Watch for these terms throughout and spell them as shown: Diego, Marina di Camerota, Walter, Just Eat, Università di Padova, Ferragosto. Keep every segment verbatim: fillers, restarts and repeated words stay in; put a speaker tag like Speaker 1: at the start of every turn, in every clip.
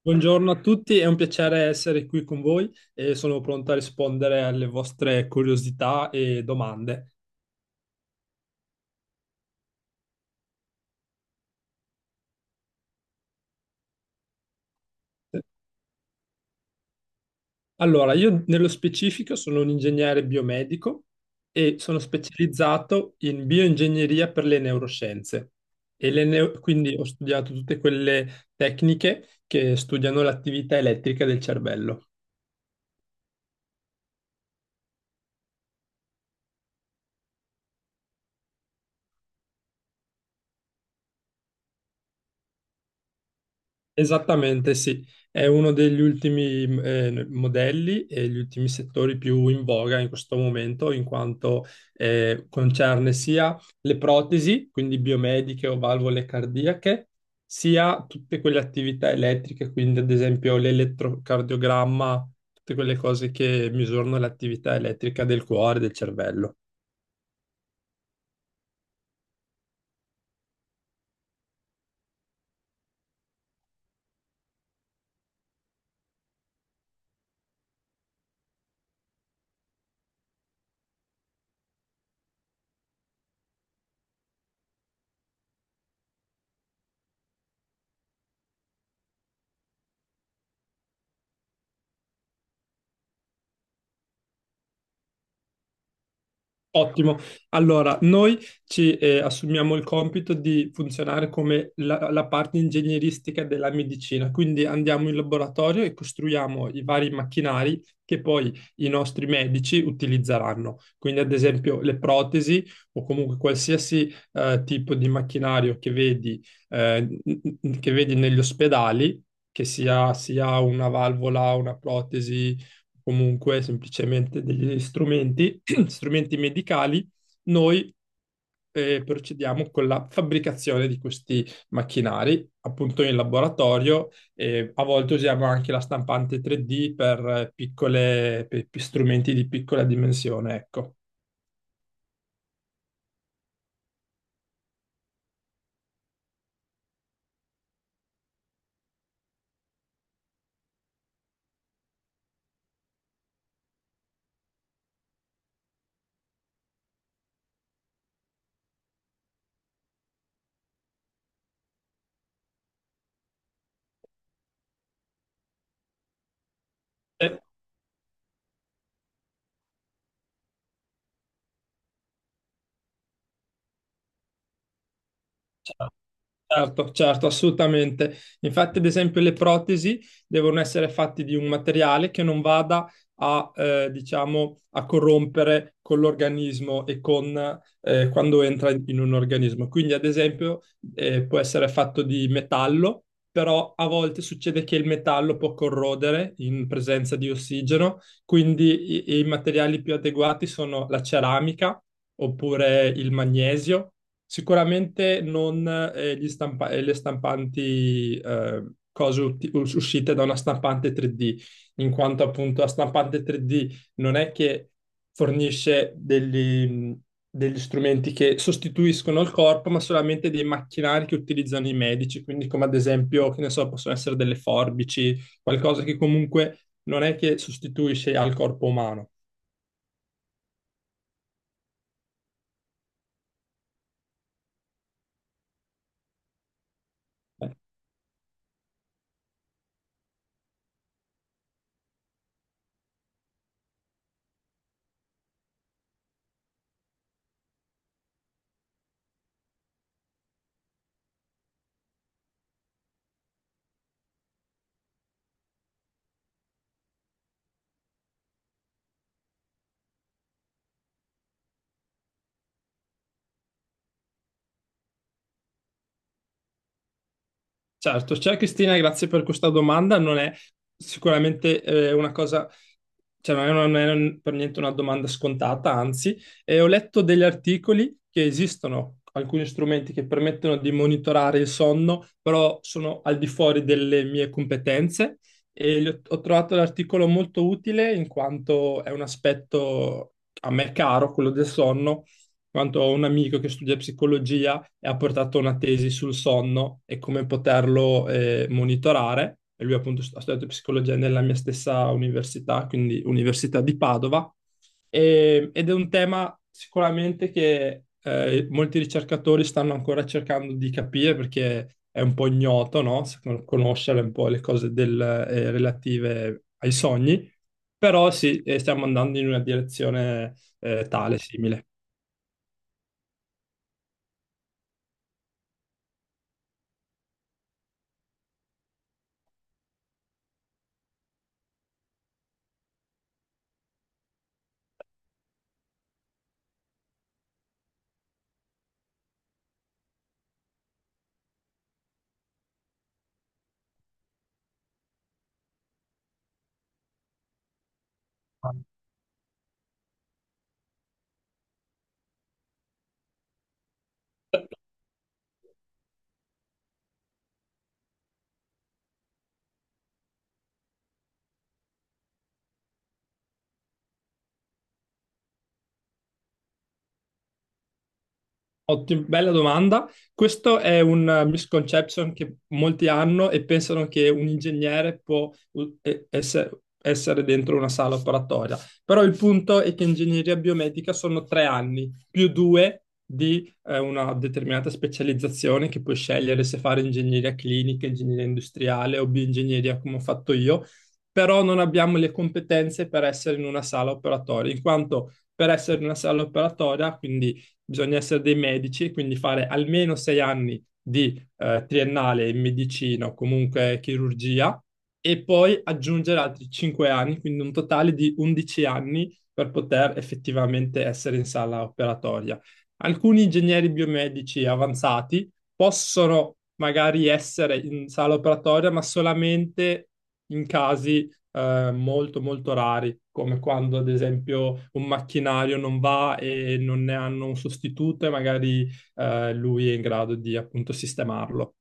Speaker 1: Buongiorno a tutti, è un piacere essere qui con voi e sono pronto a rispondere alle vostre curiosità e domande. Allora, io nello specifico sono un ingegnere biomedico e sono specializzato in bioingegneria per le neuroscienze. E le neu- quindi ho studiato tutte quelle tecniche che studiano l'attività elettrica del cervello. Esattamente, sì. È uno degli ultimi mh, eh, modelli e gli ultimi settori più in voga in questo momento, in quanto eh, concerne sia le protesi, quindi biomediche o valvole cardiache, sia tutte quelle attività elettriche, quindi ad esempio l'elettrocardiogramma, tutte quelle cose che misurano l'attività elettrica del cuore e del cervello. Ottimo. Allora, noi ci eh, assumiamo il compito di funzionare come la, la parte ingegneristica della medicina, quindi andiamo in laboratorio e costruiamo i vari macchinari che poi i nostri medici utilizzeranno. Quindi, ad esempio, le protesi o comunque qualsiasi eh, tipo di macchinario che vedi, eh, che vedi negli ospedali, che sia, sia una valvola, una protesi, comunque semplicemente degli strumenti strumenti medicali, noi eh, procediamo con la fabbricazione di questi macchinari, appunto in laboratorio. E a volte usiamo anche la stampante tre D per eh, piccole, per- per strumenti di piccola dimensione, ecco. E- cioè, certo, certo, assolutamente. Infatti, ad esempio, le protesi devono essere fatte di un materiale che non vada a, eh, diciamo, a corrompere con l'organismo e con, eh, quando entra in un organismo. Quindi, ad esempio, eh, può essere fatto di metallo, però a volte succede che il metallo può corrodere in presenza di ossigeno, quindi i i materiali più adeguati sono la ceramica oppure il magnesio. Sicuramente non eh, gli stampa- eh, le stampanti, eh, cose uti- us- uscite da una stampante tre D, in quanto appunto la stampante tre D non è che fornisce degli, degli strumenti che sostituiscono il corpo, ma solamente dei macchinari che utilizzano i medici, quindi come ad esempio, che ne so, possono essere delle forbici, qualcosa che comunque non è che sostituisce al corpo umano. Certo, ciao Cristina, grazie per questa domanda. Non è sicuramente eh, una cosa, cioè non è, non è per niente una domanda scontata, anzi. Eh, ho letto degli articoli che esistono alcuni strumenti che permettono di monitorare il sonno, però sono al di fuori delle mie competenze e li ho, ho trovato l'articolo molto utile in quanto è un aspetto a me caro, quello del sonno, in quanto ho un amico che studia psicologia e ha portato una tesi sul sonno e come poterlo eh, monitorare. E lui appunto st- ha studiato psicologia nella mia stessa università, quindi Università di Padova. E- ed è un tema sicuramente che eh, molti ricercatori stanno ancora cercando di capire perché è un po' ignoto, no? S- Conoscere un po' le cose del- eh, relative ai sogni, però sì, eh, stiamo andando in una direzione eh, tale, simile. Ottim- bella domanda. Questo è un eh, misconception che molti hanno e pensano che un ingegnere può u- e- esse- essere dentro una sala operatoria. Però il punto è che ingegneria biomedica sono tre anni più due di eh, una determinata specializzazione che puoi scegliere se fare ingegneria clinica, ingegneria industriale o bioingegneria come ho fatto io. Però non abbiamo le competenze per essere in una sala operatoria, in quanto per essere in una sala operatoria, quindi bisogna essere dei medici, quindi fare almeno sei anni di eh, triennale in medicina o comunque chirurgia e poi aggiungere altri cinque anni, quindi un totale di undici anni per poter effettivamente essere in sala operatoria. Alcuni ingegneri biomedici avanzati possono magari essere in sala operatoria, ma solamente in casi eh, molto molto rari, come quando ad esempio un macchinario non va e non ne hanno un sostituto e magari eh, lui è in grado di appunto sistemarlo.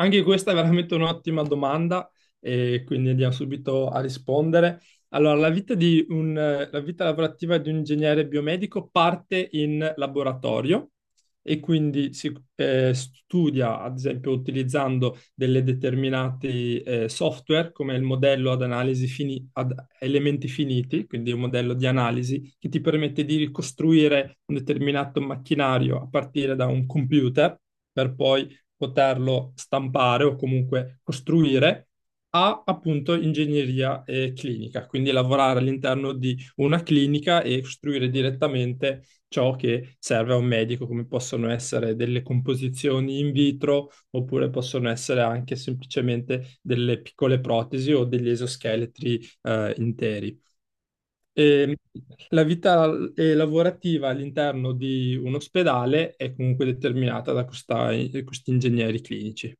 Speaker 1: Anche questa è veramente un'ottima domanda e quindi andiamo subito a rispondere. Allora, la vita di un, la vita lavorativa di un ingegnere biomedico parte in laboratorio e quindi si eh, studia, ad esempio, utilizzando delle determinati eh, software come il modello ad analisi fini- ad elementi finiti, quindi un modello di analisi che ti permette di ricostruire un determinato macchinario a partire da un computer per poi poterlo stampare o comunque costruire, a appunto ingegneria eh, clinica, quindi lavorare all'interno di una clinica e costruire direttamente ciò che serve a un medico, come possono essere delle composizioni in vitro oppure possono essere anche semplicemente delle piccole protesi o degli esoscheletri eh, interi. E la vita eh, lavorativa all'interno di un ospedale è comunque determinata da questa- eh, questi ingegneri clinici.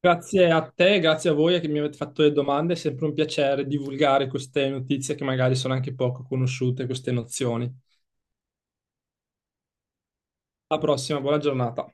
Speaker 1: Grazie a te, grazie a voi che mi avete fatto le domande, è sempre un piacere divulgare queste notizie che magari sono anche poco conosciute, queste nozioni. Alla prossima, buona giornata.